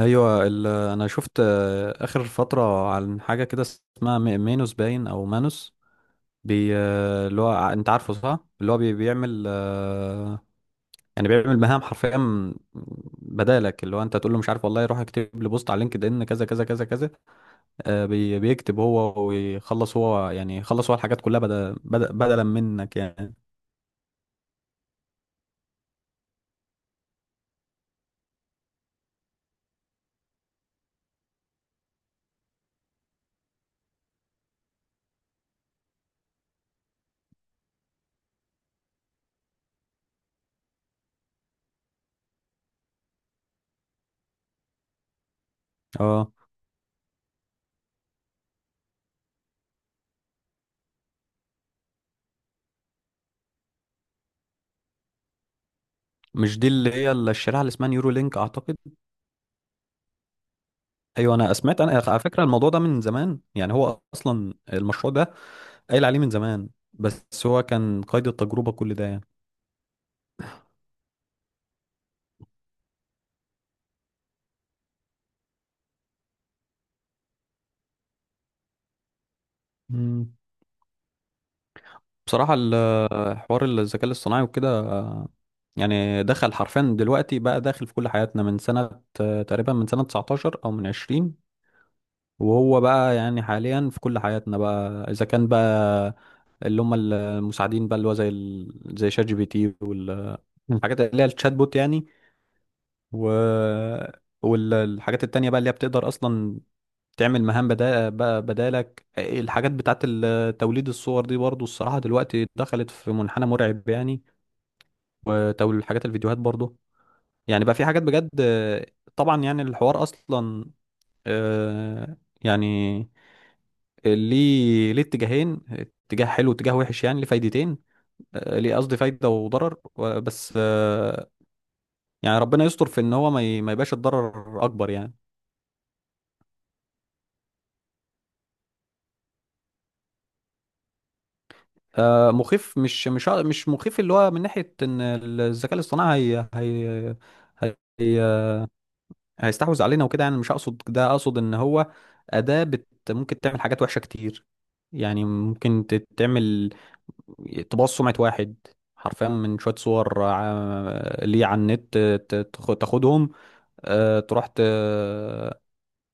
ايوه انا شفت اخر فتره عن حاجه كده اسمها مينوس باين او مانوس بي اللي هو انت عارفه صح، اللي هو بيعمل يعني بيعمل مهام حرفيا بدالك، اللي هو انت تقول له مش عارف والله روح اكتب لي بوست على لينكد ان كذا كذا كذا كذا. بي بيكتب هو ويخلص هو، يعني يخلص هو الحاجات كلها بدل بدلا منك يعني. اه، مش دي اللي هي الشريحه اللي اسمها نيورو لينك اعتقد؟ ايوه، انا سمعت، انا على فكره الموضوع ده من زمان يعني، هو اصلا المشروع ده قايل عليه من زمان بس هو كان قيد التجربة كل ده يعني. مم. بصراحة حوار الذكاء الاصطناعي وكده يعني دخل حرفيا دلوقتي، بقى داخل في كل حياتنا من سنة تقريبا من سنة 19 أو من 20. وهو بقى يعني حاليا في كل حياتنا بقى، إذا كان بقى اللي هم المساعدين بقى اللي هو زي زي شات جي بي تي والحاجات اللي هي الشات بوت يعني، و والحاجات التانية بقى اللي هي بتقدر أصلا تعمل مهام بدا بقى بدالك. الحاجات بتاعت توليد الصور دي برضو الصراحة دلوقتي دخلت في منحنى مرعب يعني، وتوليد حاجات الفيديوهات برضو. يعني بقى في حاجات بجد طبعا يعني الحوار أصلا، آه، يعني ليه اتجاهين، اتجاه حلو واتجاه وحش، يعني ليه فايدتين، ليه قصدي فايدة وضرر بس يعني ربنا يستر في ان هو ما يبقاش الضرر اكبر يعني. مخيف، مش مخيف اللي هو من ناحية ان الذكاء الاصطناعي هي هي هيستحوذ علينا وكده يعني، مش اقصد ده، اقصد ان هو أداة بت ممكن تعمل حاجات وحشة كتير. يعني ممكن تعمل تبوظ سمعة واحد حرفيا من شوية صور ليه على النت، تاخدهم، تروح ت-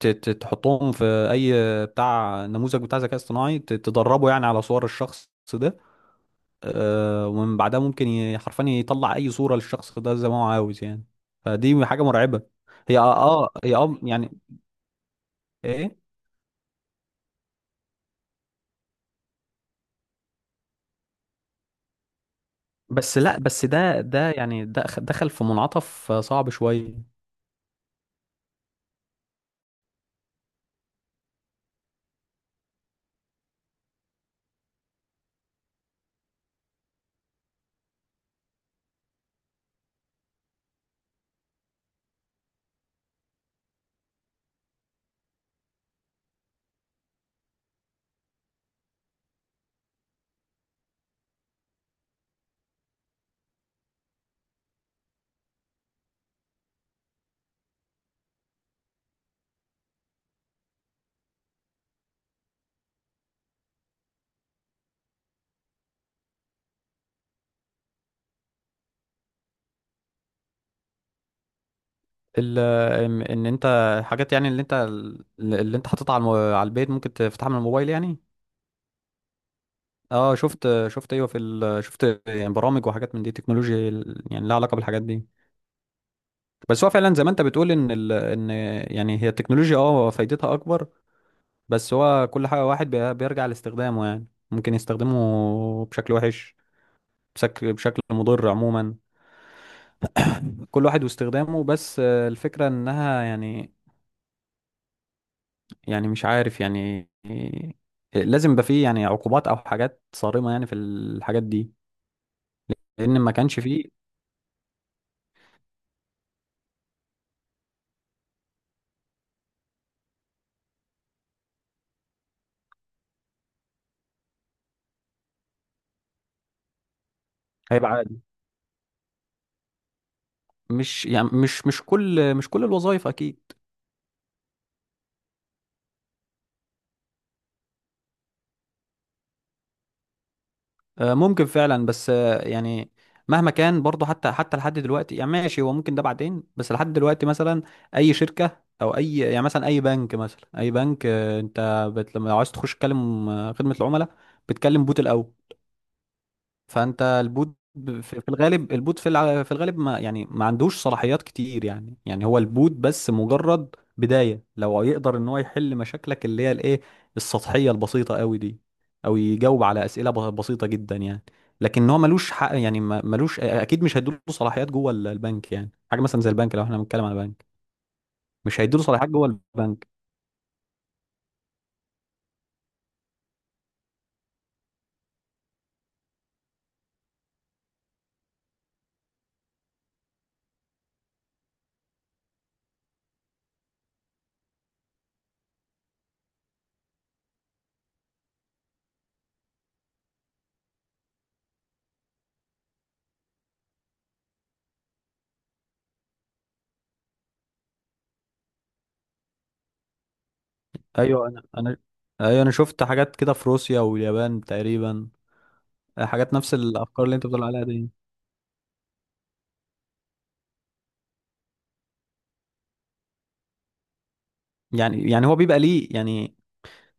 ت- ت- تحطهم في اي بتاع نموذج بتاع ذكاء اصطناعي، تدربه يعني على صور الشخص ده. ومن بعدها ممكن حرفيا يطلع اي صورة للشخص ده زي ما هو عاوز يعني، فدي حاجة مرعبة. هي اه، هي اه يعني ايه. بس لا، بس ده يعني ده دخل في منعطف صعب شوية. ال- ان إن انت حاجات يعني اللي انت، اللي انت حاططها على على البيت ممكن تفتحها من الموبايل يعني. اه شفت، شفت، ايوه في شفت يعني برامج وحاجات من دي تكنولوجيا يعني لها علاقة بالحاجات دي. بس هو فعلا زي ما انت بتقول ان ان يعني هي التكنولوجيا اه فايدتها اكبر. بس هو كل حاجة واحد بيرجع لاستخدامه يعني، ممكن يستخدمه بشكل وحش، بشكل مضر عموما. كل واحد واستخدامه، بس الفكرة انها يعني، يعني مش عارف يعني لازم يبقى فيه يعني عقوبات او حاجات صارمة يعني في الحاجات دي. لان ما كانش فيه. هيبقى عادي، مش يعني مش كل الوظائف اكيد. ممكن فعلا، بس يعني مهما كان برضه، حتى لحد دلوقتي يعني ماشي، هو ممكن ده بعدين، بس لحد دلوقتي مثلا اي شركه او اي يعني مثلا اي بنك، مثلا اي بنك انت بت، لما لو عايز تخش تكلم خدمه العملاء بتكلم بوت الاول. فانت البوت في في الغالب، البوت في في الغالب ما يعني ما عندوش صلاحيات كتير يعني، يعني هو البوت بس مجرد بداية لو يقدر ان هو يحل مشاكلك اللي هي الايه، السطحية البسيطة قوي دي، او يجاوب على اسئلة بسيطة جدا يعني. لكن هو ملوش حق يعني، ملوش، اكيد مش هيدوله صلاحيات جوه البنك يعني، حاجة مثلا زي البنك، لو احنا بنتكلم على بنك مش هيدوله صلاحيات جوه البنك. ايوه انا ايوه انا شفت حاجات كده في روسيا واليابان تقريبا، حاجات نفس الافكار اللي انت بتقول عليها دي. يعني يعني هو بيبقى ليه يعني،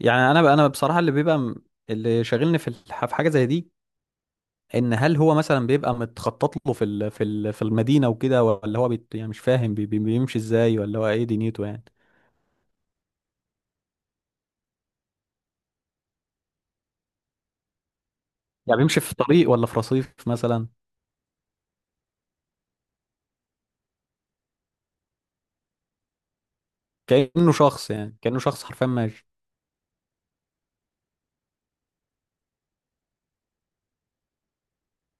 يعني انا بصراحه اللي بيبقى اللي شاغلني في في حاجه زي دي، ان هل هو مثلا بيبقى متخطط له في في المدينه وكده، ولا هو بيت يعني مش فاهم بيمشي ازاي، ولا هو ايه دنيته يعني. يعني بيمشي في طريق ولا في رصيف مثلا؟ كانه شخص يعني، كانه شخص حرفيا ماشي.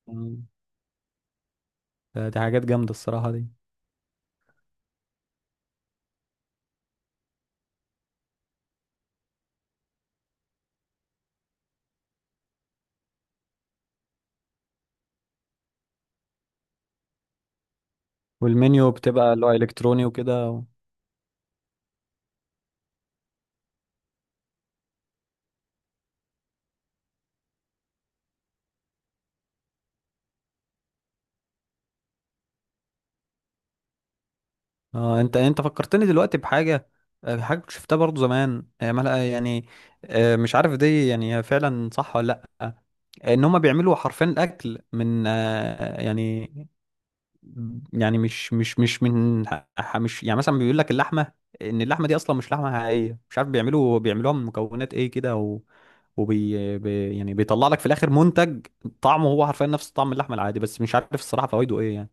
مم. دي حاجات جامده الصراحه دي. والمنيو بتبقى اللي هو الكتروني وكده. اه انت انت فكرتني دلوقتي بحاجه، حاجه كنت شفتها برضو زمان يعني مش عارف دي يعني هي فعلا صح ولا لا، ان هم بيعملوا حرفيا الاكل من يعني، يعني مش من مش يعني مثلا بيقول لك اللحمه، ان اللحمه دي اصلا مش لحمه حقيقيه، مش عارف بيعملوا بيعملوها من مكونات ايه كده، و وبي يعني بيطلع لك في الاخر منتج طعمه هو حرفيا نفس طعم اللحمه العادي، بس مش عارف الصراحه فوائده ايه يعني.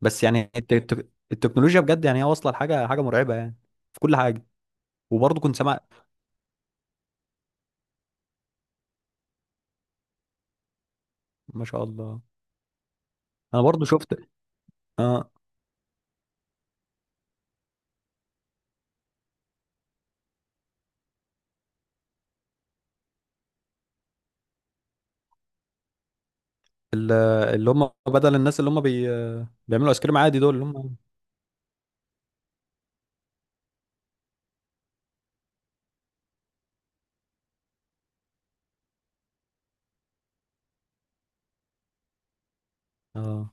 بس يعني التكنولوجيا بجد يعني هي واصله لحاجه، حاجه مرعبه يعني في كل حاجه. وبرضه كنت سامع، ما شاء الله. انا برضه شفت اه. ال- اللي هم بدل الناس اللي هم بيعملوا ايس كريم عادي دول اللي هم. اه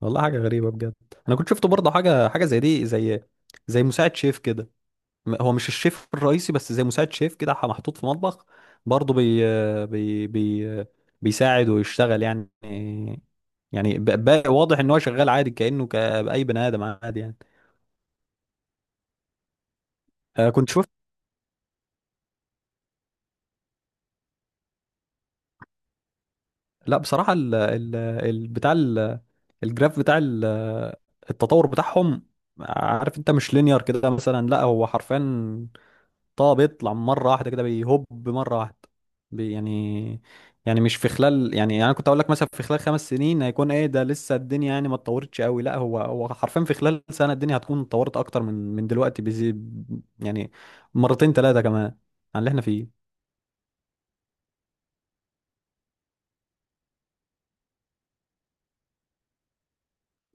والله حاجه غريبه بجد. انا كنت شفت برضه حاجه، حاجه زي دي، زي زي مساعد شيف كده، هو مش الشيف الرئيسي، بس زي مساعد شيف كده محطوط في مطبخ، برضه بي بي بيساعد ويشتغل يعني. يعني واضح ان هو شغال عادي كأنه كأي بني ادم عادي يعني. كنت شفت، لا بصراحة ال بتاع الجراف بتاع التطور بتاعهم، عارف انت مش لينير كده مثلا، لا هو حرفيا طه بيطلع مرة واحدة كده، بيهب مرة واحدة. يعني، يعني مش في خلال يعني، يعني أنا كنت اقول لك مثلا في خلال 5 سنين هيكون ايه، ده لسه الدنيا يعني ما اتطورتش قوي، لا هو هو حرفيا في خلال سنة الدنيا هتكون اتطورت اكتر من دلوقتي بزي يعني مرتين ثلاثة كمان عن اللي احنا فيه.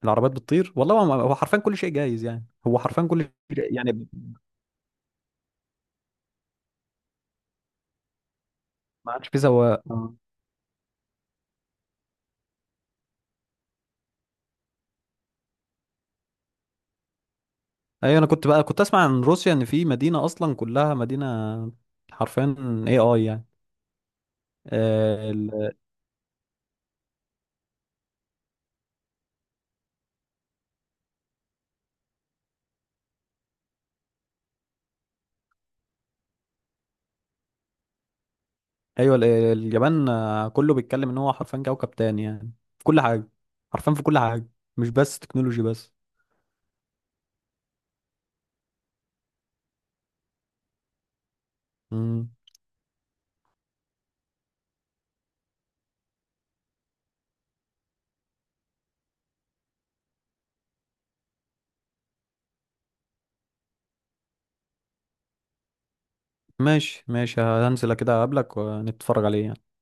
العربيات بتطير، والله هو هو حرفيا كل شيء جايز يعني، هو حرفيا كل شيء يعني. ما عادش في سواق آه. ايوه انا كنت بقى كنت اسمع عن روسيا ان في مدينة اصلا كلها مدينة حرفيا، اي اي يعني. ايوه اليابان كله بيتكلم ان هو حرفيا كوكب تاني يعني في كل حاجه، حرفيا في كل حاجه، مش بس تكنولوجي بس. مم. ماشي ماشي، هنزل كده اقابلك ونتفرج عليه يعني.